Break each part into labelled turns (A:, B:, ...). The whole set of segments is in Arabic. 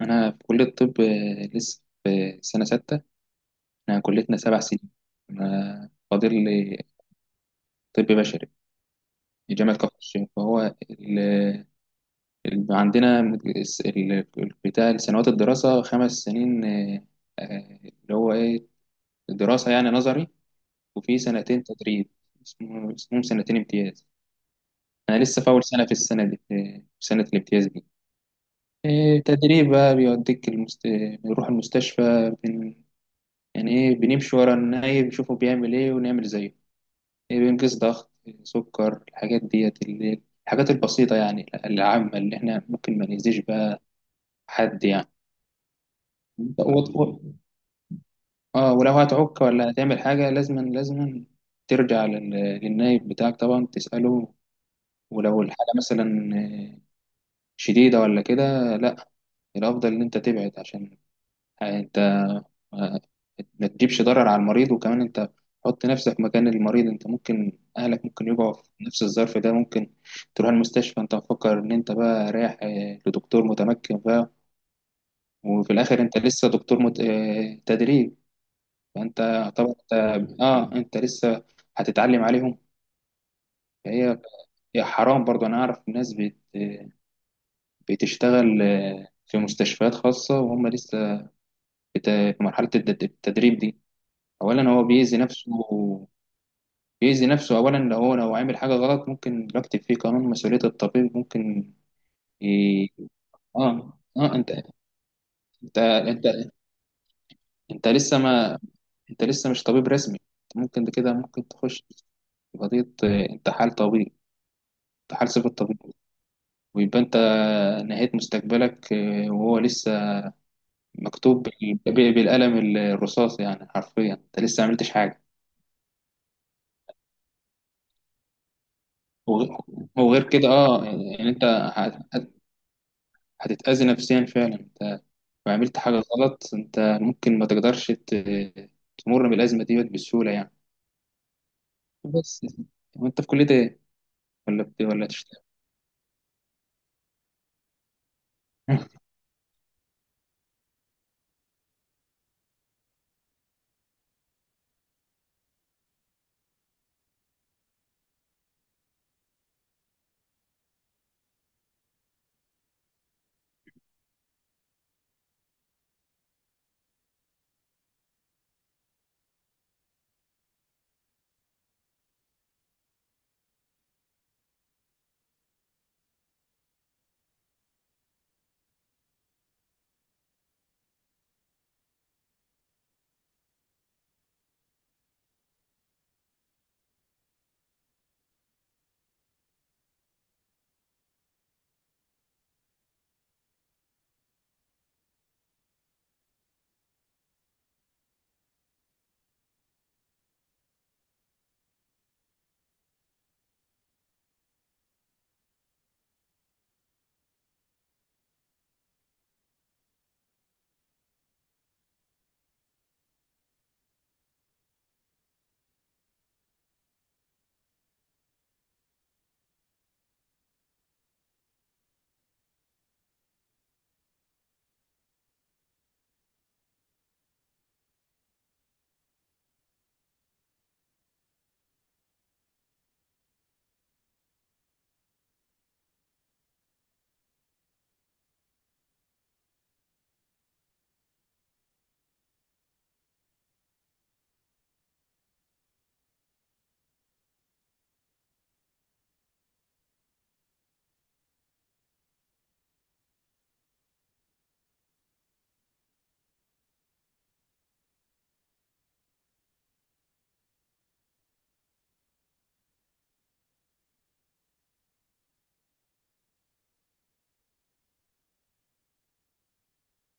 A: أنا في كلية الطب، لسه في سنة 6. إحنا كليتنا 7 سنين. أنا فاضل لي طب بشري في جامعة كفر الشيخ. عندنا بتاع سنوات الدراسة 5 سنين، اللي هو إيه؟ دراسة يعني نظري. وفي سنتين تدريب، اسمهم سنتين امتياز. أنا لسه في أول سنة، في السنة دي، في سنة الامتياز دي. تدريب بقى، بنروح المستشفى. يعني ايه، بنمشي ورا النايب، نشوفه بيعمل ايه ونعمل زيه، ايه، بنقيس ضغط، سكر، الحاجات ديت، اللي الحاجات البسيطة يعني، العامة اللي احنا ممكن ما نأذيش بقى حد يعني. و... و... اه، ولو هتعك ولا هتعمل حاجة لازما ترجع للنايب بتاعك، طبعا تسأله. ولو الحالة مثلا شديدة ولا كده، لا، الأفضل إن أنت تبعد، عشان أنت ما ما تجيبش ضرر على المريض. وكمان انت، حط نفسك مكان المريض، انت ممكن اهلك ممكن يقعوا في نفس الظرف ده، ممكن تروح المستشفى انت مفكر ان انت بقى رايح لدكتور متمكن بقى، وفي الاخر انت لسه دكتور مت... اه، تدريب. فانت طبعا، انت لسه هتتعلم عليهم. فهي هي حرام برضه. انا اعرف ناس بتشتغل في مستشفيات خاصة وهم لسه في مرحلة التدريب دي. اولا هو بيأذي نفسه، بيأذي نفسه أولا، لو هو لو عامل حاجة غلط ممكن يكتب فيه قانون مسؤولية الطبيب، ممكن. ي... آه آه أنت أنت أنت لسه ما أنت لسه مش طبيب رسمي. أنت ممكن ده كده ممكن تخش في قضية انتحال طبيب، انتحال صفة طبيب، ويبقى أنت نهيت مستقبلك، وهو لسه مكتوب بالقلم الرصاص، يعني حرفيا أنت لسه ما عملتش حاجة. وغ- وغير كده آه، يعني أنت هتتأذي نفسيا فعلا، وعملت حاجة غلط أنت ممكن ما تقدرش تمر بالأزمة ديت بسهولة يعني. بس. وأنت في كلية إيه؟ ولا تشتغل؟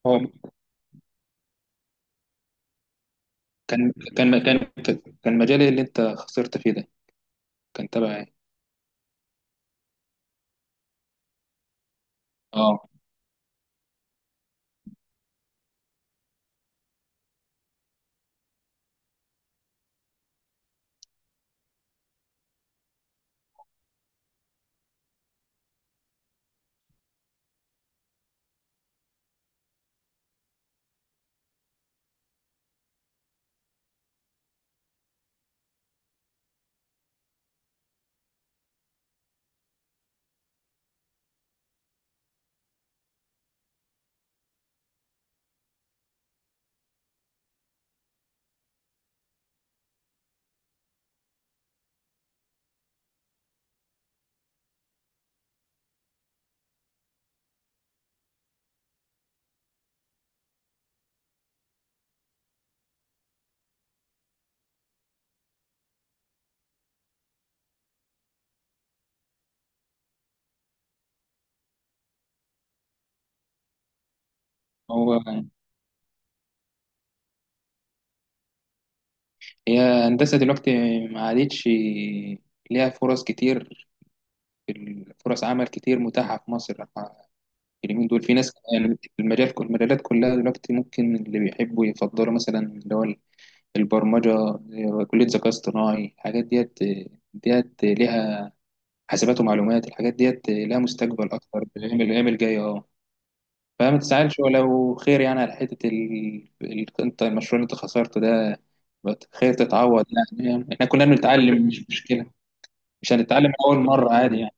A: هو كان كان كان كان مجال اللي أنت خسرت فيه ده، كان تبع إيه؟ أه. هو هي هندسة دلوقتي ما عادتش ليها فرص كتير، فرص عمل كتير متاحة في مصر اليومين دول. في ناس يعني، المجالات كلها دلوقتي، ممكن اللي بيحبوا يفضلوا مثلا اللي هو البرمجة، كلية ذكاء اصطناعي، الحاجات ديت، ليها. حاسبات ومعلومات، الحاجات ديت لها مستقبل أكتر بالأيام، الجاية أه. فما تزعلش، ولو خير يعني على حتة أنت المشروع اللي أنت خسرته ده، خير تتعوض يعني. إحنا كلنا بنتعلم، مش مشكلة، مش هنتعلم من أول مرة، عادي يعني.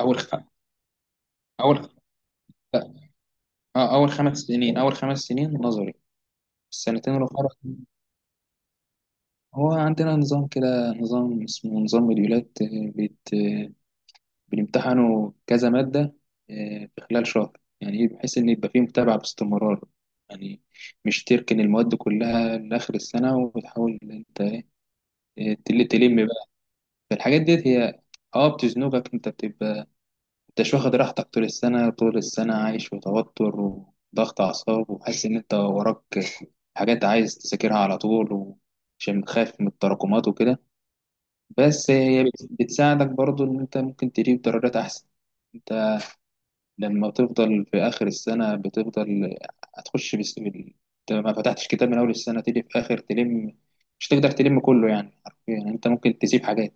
A: أول خ... أول خ... لا، أول خمس سنين نظري. السنتين الأخرى، هو عندنا نظام كده، نظام اسمه نظام مديولات، بيت بيمتحنوا كذا مادة في خلال شهر، يعني إيه؟ بحيث إن يبقى فيه متابعة باستمرار، يعني مش تركن المواد كلها لآخر السنة وتحاول إن أنت تلم بقى. فالحاجات ديت هي، اه بتزنقك، انت بتبقى انتش واخد راحتك طول السنة، طول السنة عايش في توتر وضغط أعصاب، وحاسس إن أنت وراك حاجات عايز تذاكرها على طول، عشان خايف من التراكمات وكده. بس هي بتساعدك برضو إن أنت ممكن تجيب درجات أحسن، لما تفضل في آخر السنة بتفضل هتخش بس... بال- أنت ما فتحتش كتاب من أول السنة، تيجي في آخر تلم، مش تقدر تلم كله، يعني حرفيا يعني أنت ممكن تسيب حاجات.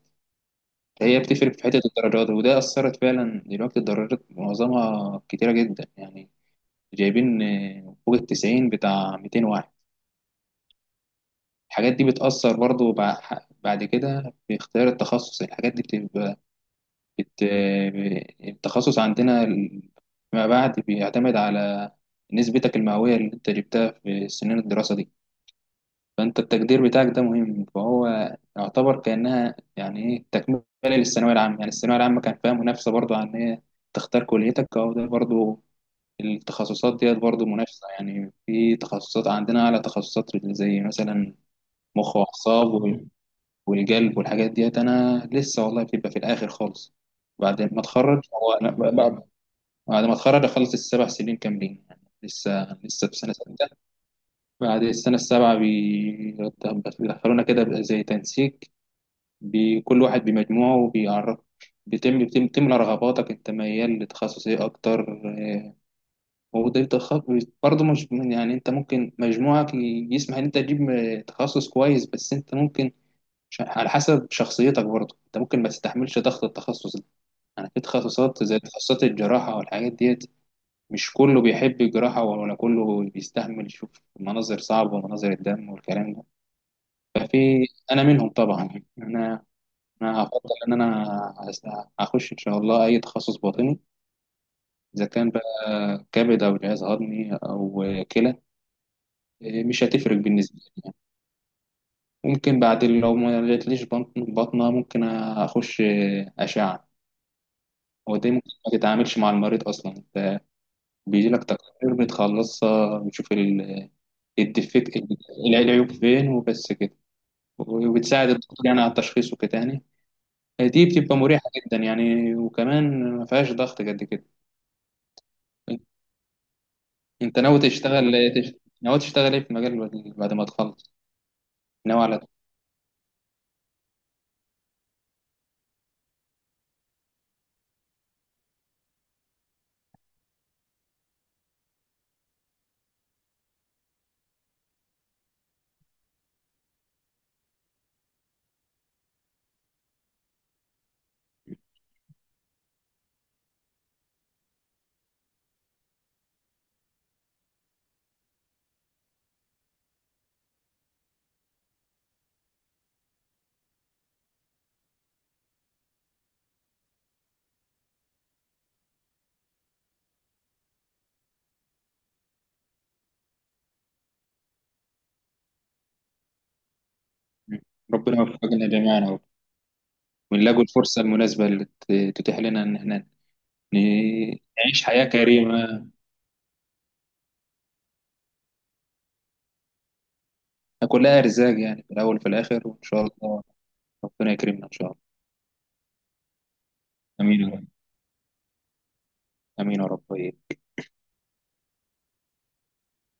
A: هي بتفرق في حتة الدرجات، وده أثرت فعلا دلوقتي، الدرجات معظمها كتيرة جدا يعني، جايبين فوق 90 بتاع 201. الحاجات دي بتأثر برضو بعد كده في اختيار التخصص، الحاجات دي بتبقى بت... التخصص عندنا ما بعد بيعتمد على نسبتك المئوية اللي انت جبتها في سنين الدراسة دي. فانت التقدير بتاعك ده مهم، فهو يعتبر كأنها يعني ايه تكملة للثانوية العامة، يعني الثانوية العامة كان فيها منافسة برضو عن ايه، تختار كليتك او ده برضو، التخصصات ديت برضو منافسة، يعني في تخصصات عندنا، على تخصصات زي مثلا مخ وأعصاب، والجلب والحاجات ديت، انا لسه والله، بتبقى في الاخر خالص بعد ما اتخرج. هو أنا بعد بعد ما اتخرج، اخلص ال7 سنين كاملين، يعني لسه في سنه 6. بعد السنه السابعه بيدخلونا كده بقى زي تنسيق، بكل واحد بمجموعه، وبيعرف بتملى رغباتك، انت ميال لتخصص ايه اكتر. وده برضه مش يعني، انت ممكن مجموعك يسمح ان انت تجيب تخصص كويس، بس انت ممكن على حسب شخصيتك برضه، انت ممكن ما تستحملش ضغط التخصص ده. يعني في تخصصات زي تخصصات الجراحة والحاجات ديت، مش كله بيحب الجراحة، ولا كله بيستحمل يشوف مناظر صعبة، ومناظر الدم والكلام ده. ففي انا منهم طبعا يعني، انا هفضل ان انا هس- هخش ان شاء الله اي تخصص باطني، اذا كان بقى كبد او جهاز هضمي او كلى، مش هتفرق بالنسبة لي يعني. ممكن بعد، لو ما جاتليش بطنة، ممكن اخش اشعة. ودي ممكن ما تتعاملش مع المريض اصلا، انت بيجي لك تقارير بتخلصها، بتشوف الديفكت، العيوب فين وبس كده، وبتساعد الدكتور يعني على التشخيص وكده يعني. دي بتبقى مريحة جدا يعني، وكمان ما فيهاش ضغط قد كده. انت ناوي تشتغل إيه؟ ناوي تشتغل ايه في المجال بعد، بعد ما تخلص؟ ناوي على ربنا، يوفقنا جميعا اهو، ونلاقوا الفرصة المناسبة اللي تتيح لنا ان احنا نعيش حياة كريمة، كلها ارزاق يعني في الاول وفي الاخر، وان شاء الله ربنا يكرمنا ان شاء الله. امين يا رب. امين يا رب.